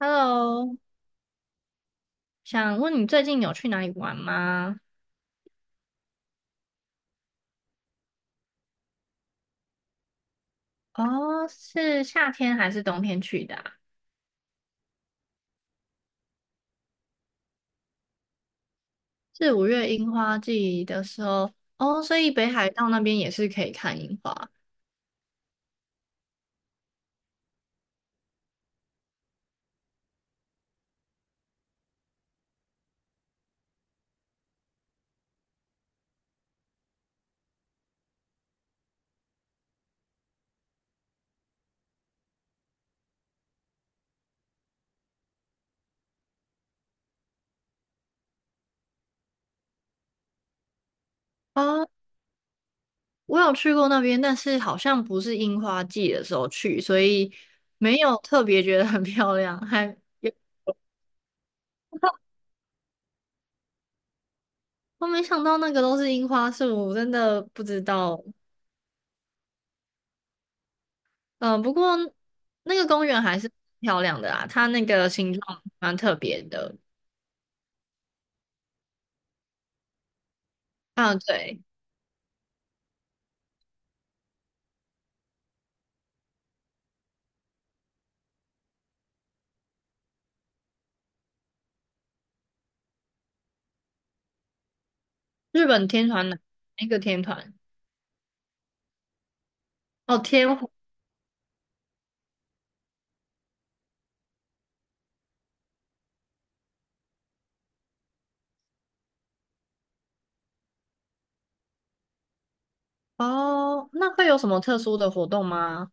Hello，想问你最近有去哪里玩吗？哦，是夏天还是冬天去的啊。是五月樱花季的时候。哦，所以北海道那边也是可以看樱花。哦，我有去过那边，但是好像不是樱花季的时候去，所以没有特别觉得很漂亮。还有，我没想到那个都是樱花树，真的不知道。嗯、不过那个公园还是漂亮的啦，它那个形状蛮特别的。啊，对。日本天团哪一个天团？哦，天火。哦，那会有什么特殊的活动吗？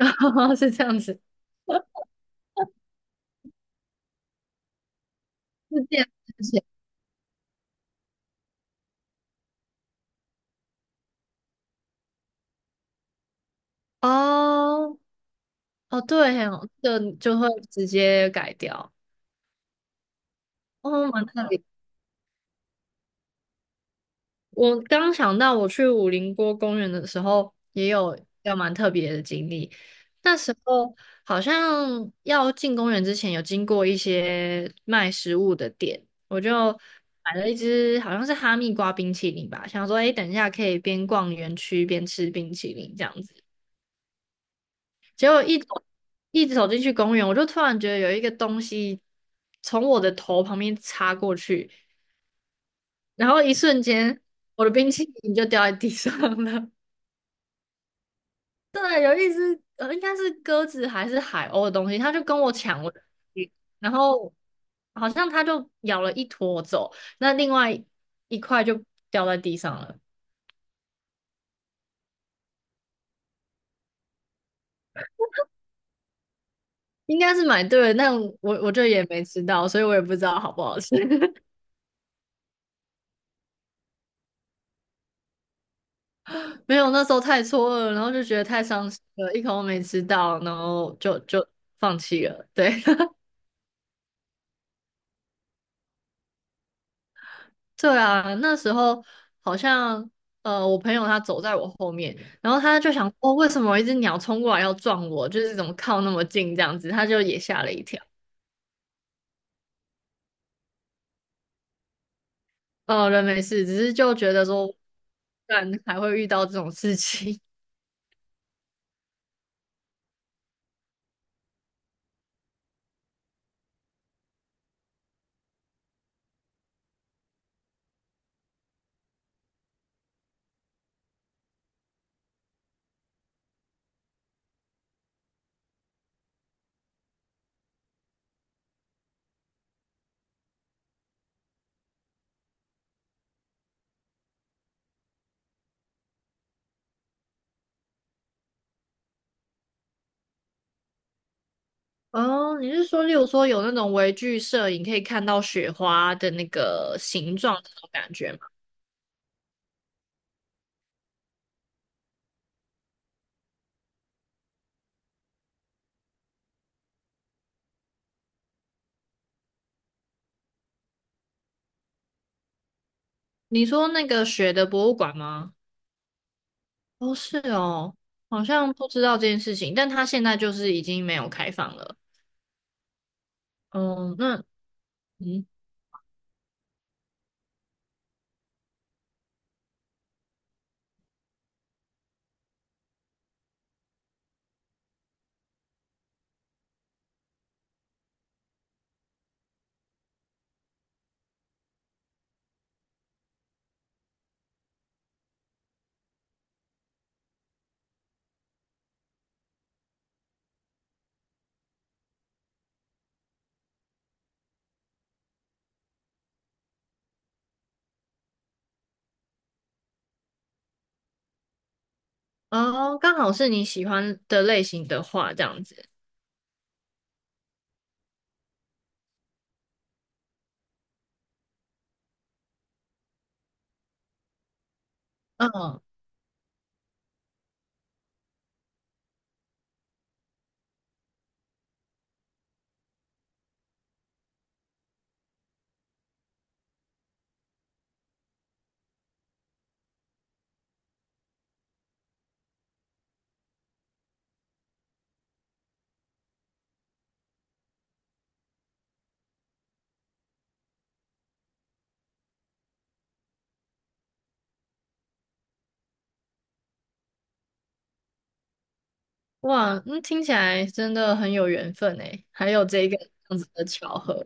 是这样子，是这样子写哦哦，对哦，这个就会直接改掉。哦，蛮特别。我刚想到，我去武陵锅公园的时候，也有要蛮特别的经历。那时候好像要进公园之前，有经过一些卖食物的店，我就买了一只好像是哈密瓜冰淇淋吧，想说，哎，等一下可以边逛园区边吃冰淇淋这样子。结果一走进去公园，我就突然觉得有一个东西从我的头旁边插过去，然后一瞬间，我的冰淇淋就掉在地上了。应该是鸽子还是海鸥的东西，他就跟我抢我的东西。然后好像他就咬了一坨走，那另外一块就掉在地上了。应该是买对了，但我就也没吃到，所以我也不知道好不好吃。没有，那时候太错愕了，然后就觉得太伤心了，一口都没吃到，然后就放弃了。对，对啊，那时候好像我朋友他走在我后面，然后他就想哦，为什么有一只鸟冲过来要撞我？就是怎么靠那么近这样子，他就也吓了一跳。哦，人没事，只是就觉得说，不然还会遇到这种事情。哦，你是说，例如说有那种微距摄影可以看到雪花的那个形状那种感觉吗？你说那个雪的博物馆吗？哦，是哦，好像不知道这件事情，但它现在就是已经没有开放了。哦，那嗯，哦，刚好是你喜欢的类型的话，这样子。嗯，哇，那听起来真的很有缘分诶，还有这个这样子的巧合。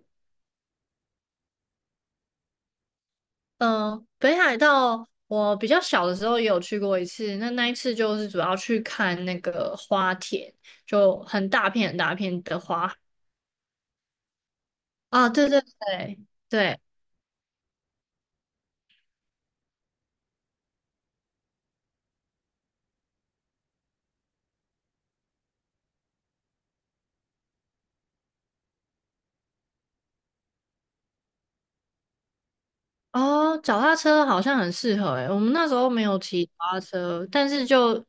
嗯，北海道我比较小的时候也有去过一次，那一次就是主要去看那个花田，就很大片很大片的花。啊，对对对对，哦，脚踏车好像很适合诶，我们那时候没有骑脚踏车，但是就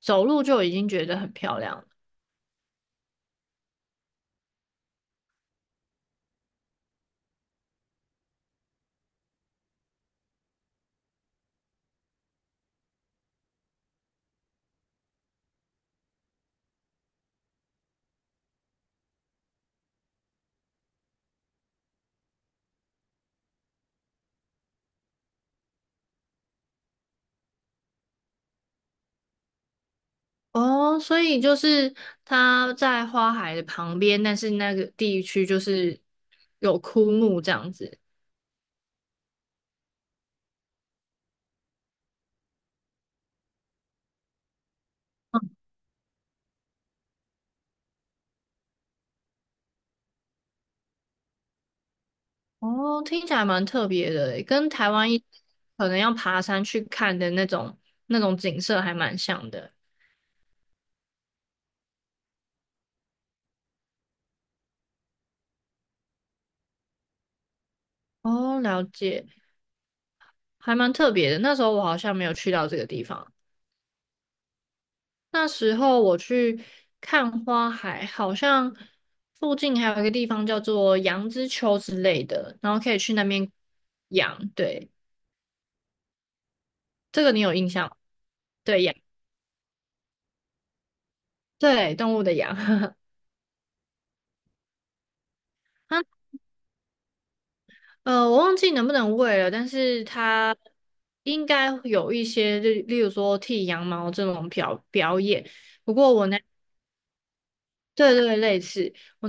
走路就已经觉得很漂亮了。哦，所以就是它在花海的旁边，但是那个地区就是有枯木这样子。哦，听起来蛮特别的诶，跟台湾可能要爬山去看的那种景色还蛮像的。哦，了解，还蛮特别的。那时候我好像没有去到这个地方，那时候我去看花海，好像附近还有一个地方叫做羊之丘之类的，然后可以去那边养，对。这个你有印象吗？对羊，对动物的羊，啊，我忘记能不能喂了，但是它应该有一些，例如说剃羊毛这种表演。不过对对，类似。我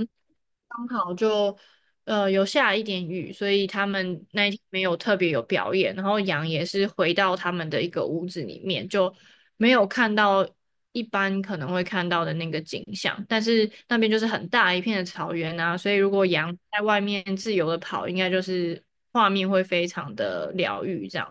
刚好就有下一点雨，所以他们那一天没有特别有表演。然后羊也是回到他们的一个屋子里面，就没有看到一般可能会看到的那个景象。但是那边就是很大一片的草原啊，所以如果羊在外面自由的跑，应该就是画面会非常的疗愈这样。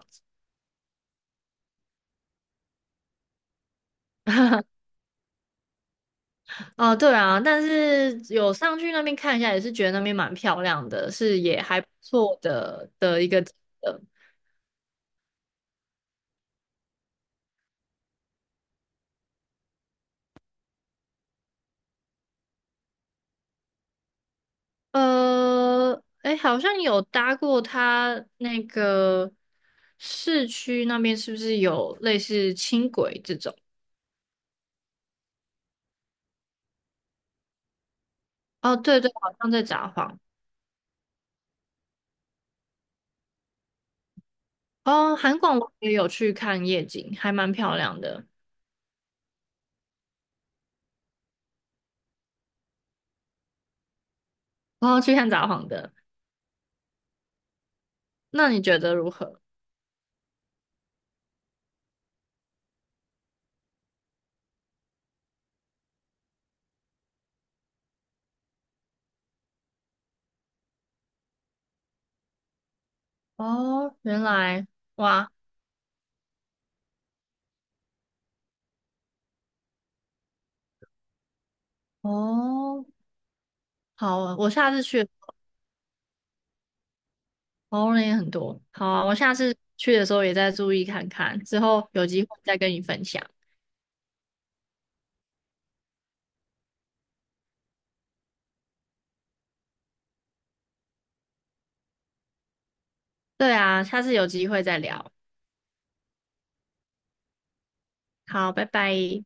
哦，对啊，但是有上去那边看一下，也是觉得那边蛮漂亮的，是也还不错的一个景色。哎，好像有搭过它那个市区那边，是不是有类似轻轨这种？哦，对对，好像在札幌。哦，韩广我也有去看夜景，还蛮漂亮的。哦，去看札幌的，那你觉得如何？哦，原来，哇，哦，好，我下次去。哦，那也很多。好啊，我下次去的时候也再注意看看，之后有机会再跟你分享。对啊，下次有机会再聊。好，拜拜。